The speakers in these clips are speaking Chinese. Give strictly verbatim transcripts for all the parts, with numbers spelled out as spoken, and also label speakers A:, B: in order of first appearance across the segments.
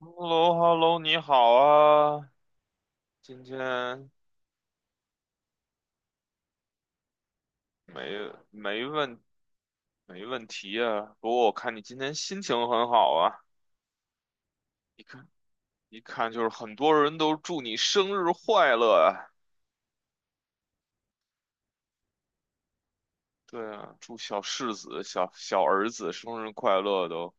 A: h e l l o h e l l o 你好啊，今天没没问没问题啊。不过我看你今天心情很好啊，一看一看就是很多人都祝你生日快乐啊。对啊，祝小世子、小小儿子生日快乐都。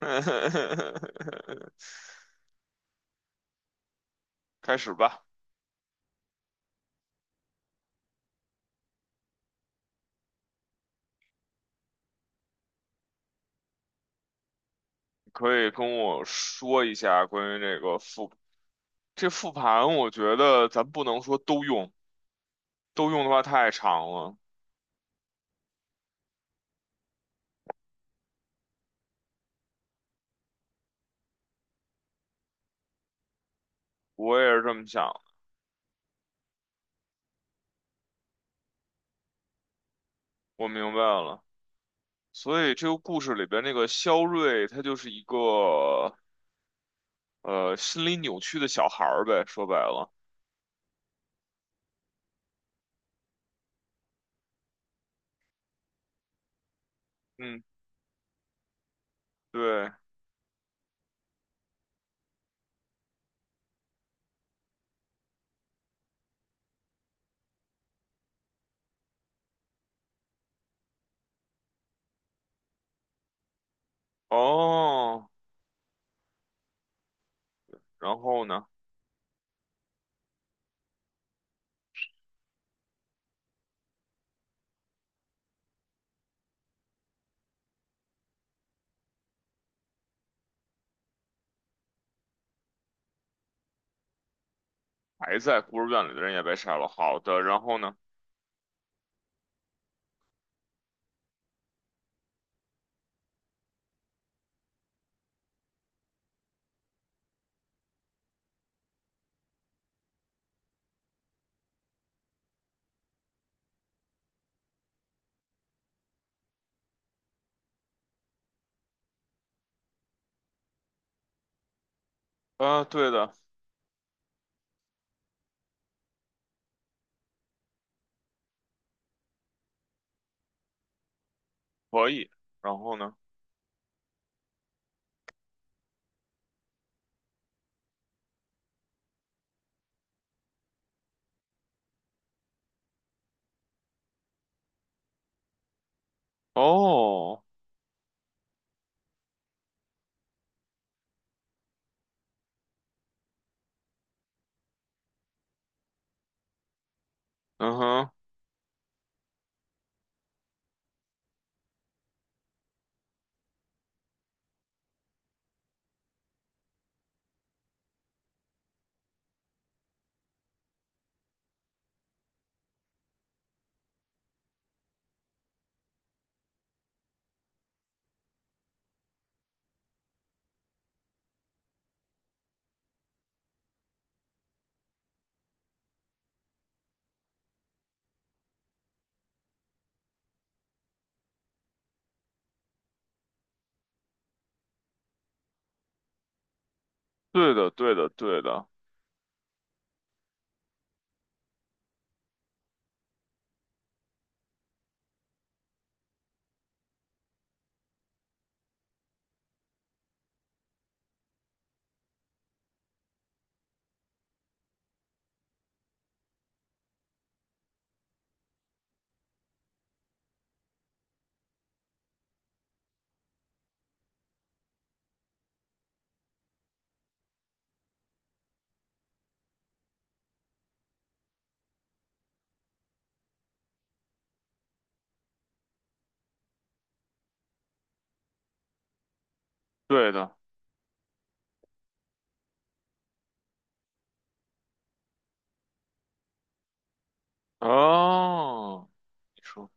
A: 开始吧，你可以跟我说一下关于这个复这复盘，我觉得咱不能说都用，都用的话太长了。我也是这么想。我明白了。所以这个故事里边那个肖瑞，他就是一个呃心理扭曲的小孩儿呗，说白了。嗯，对，哦，然后呢，还在孤儿院里的人也被杀了。好的，然后呢？啊，对的，可以。然后呢？哦，嗯哼，对的，对的，对的，对的。哦，你说，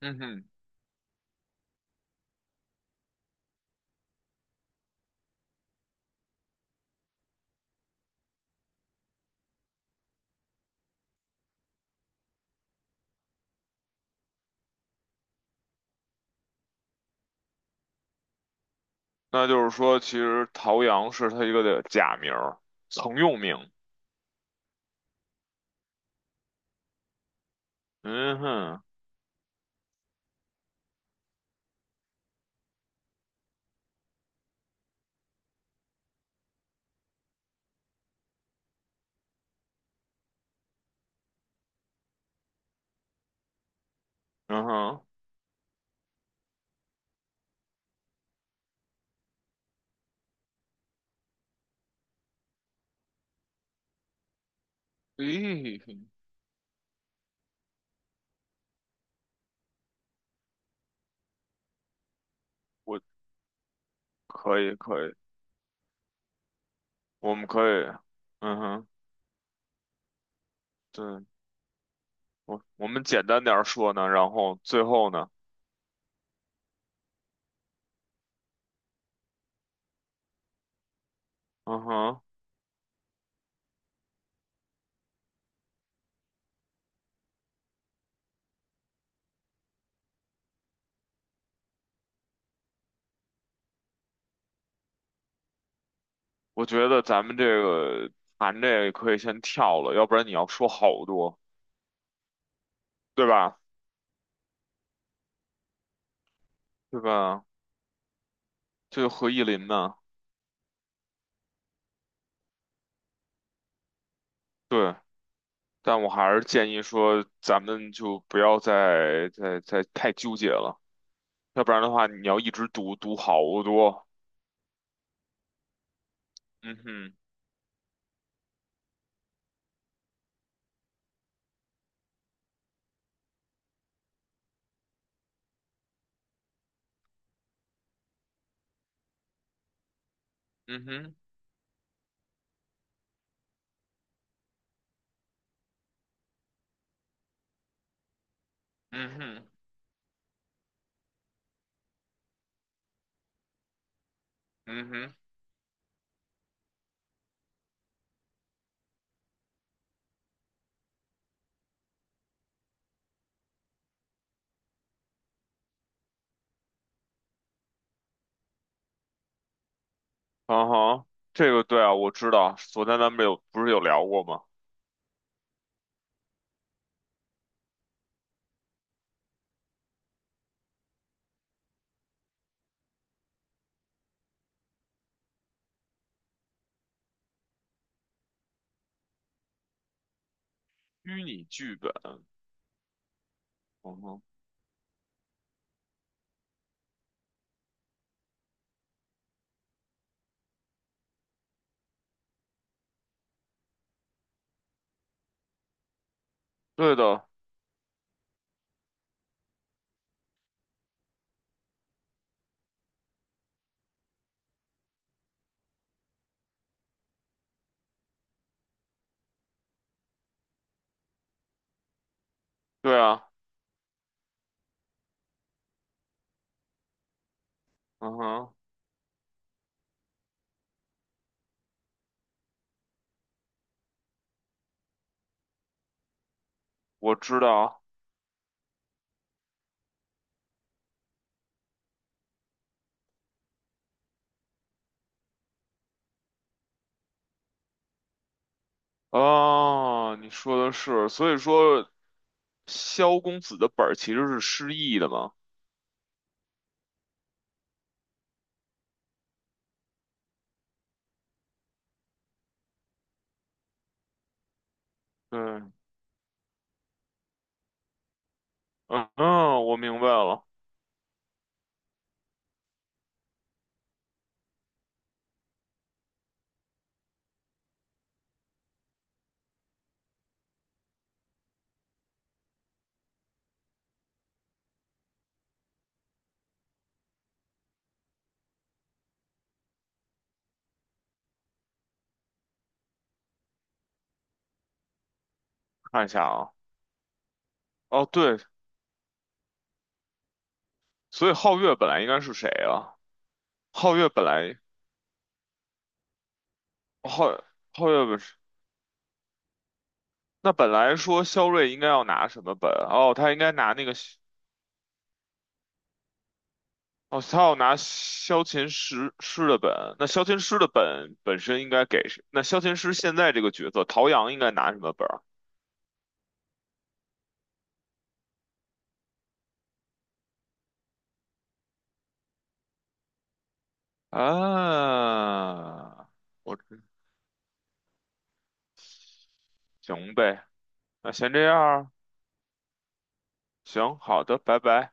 A: 嗯哼，那就是说，其实陶阳是他一个的假名儿，曾用名。嗯哼。嗯哼，咦，我可以可以，我们可以，嗯哼，对，我我们简单点儿说呢，然后最后呢，嗯哼，我觉得咱们这个谈这个可以先跳了，要不然你要说好多，对吧？对吧？这个何意林呢？对，但我还是建议说，咱们就不要再再再太纠结了，要不然的话，你要一直读读好多，嗯哼，嗯哼，嗯哼，嗯哼。嗯哼，这个对啊，我知道，昨天咱们有不是有聊过吗？虚拟剧本，嗯哼，对的，对啊，嗯哼，我知道啊，你说的是，所以说萧公子的本儿其实是失忆的嘛？对，嗯嗯，我明白了，看一下啊，哦对，所以皓月本来应该是谁啊？皓月本来，皓皓月本是，那本来说萧睿应该要拿什么本？哦，他应该拿那个。哦，他要拿萧琴师师的本，那萧琴师的本本身应该给谁？那萧琴师现在这个角色，陶阳应该拿什么本儿啊？我知行呗，那先这样儿，行，好的，拜拜。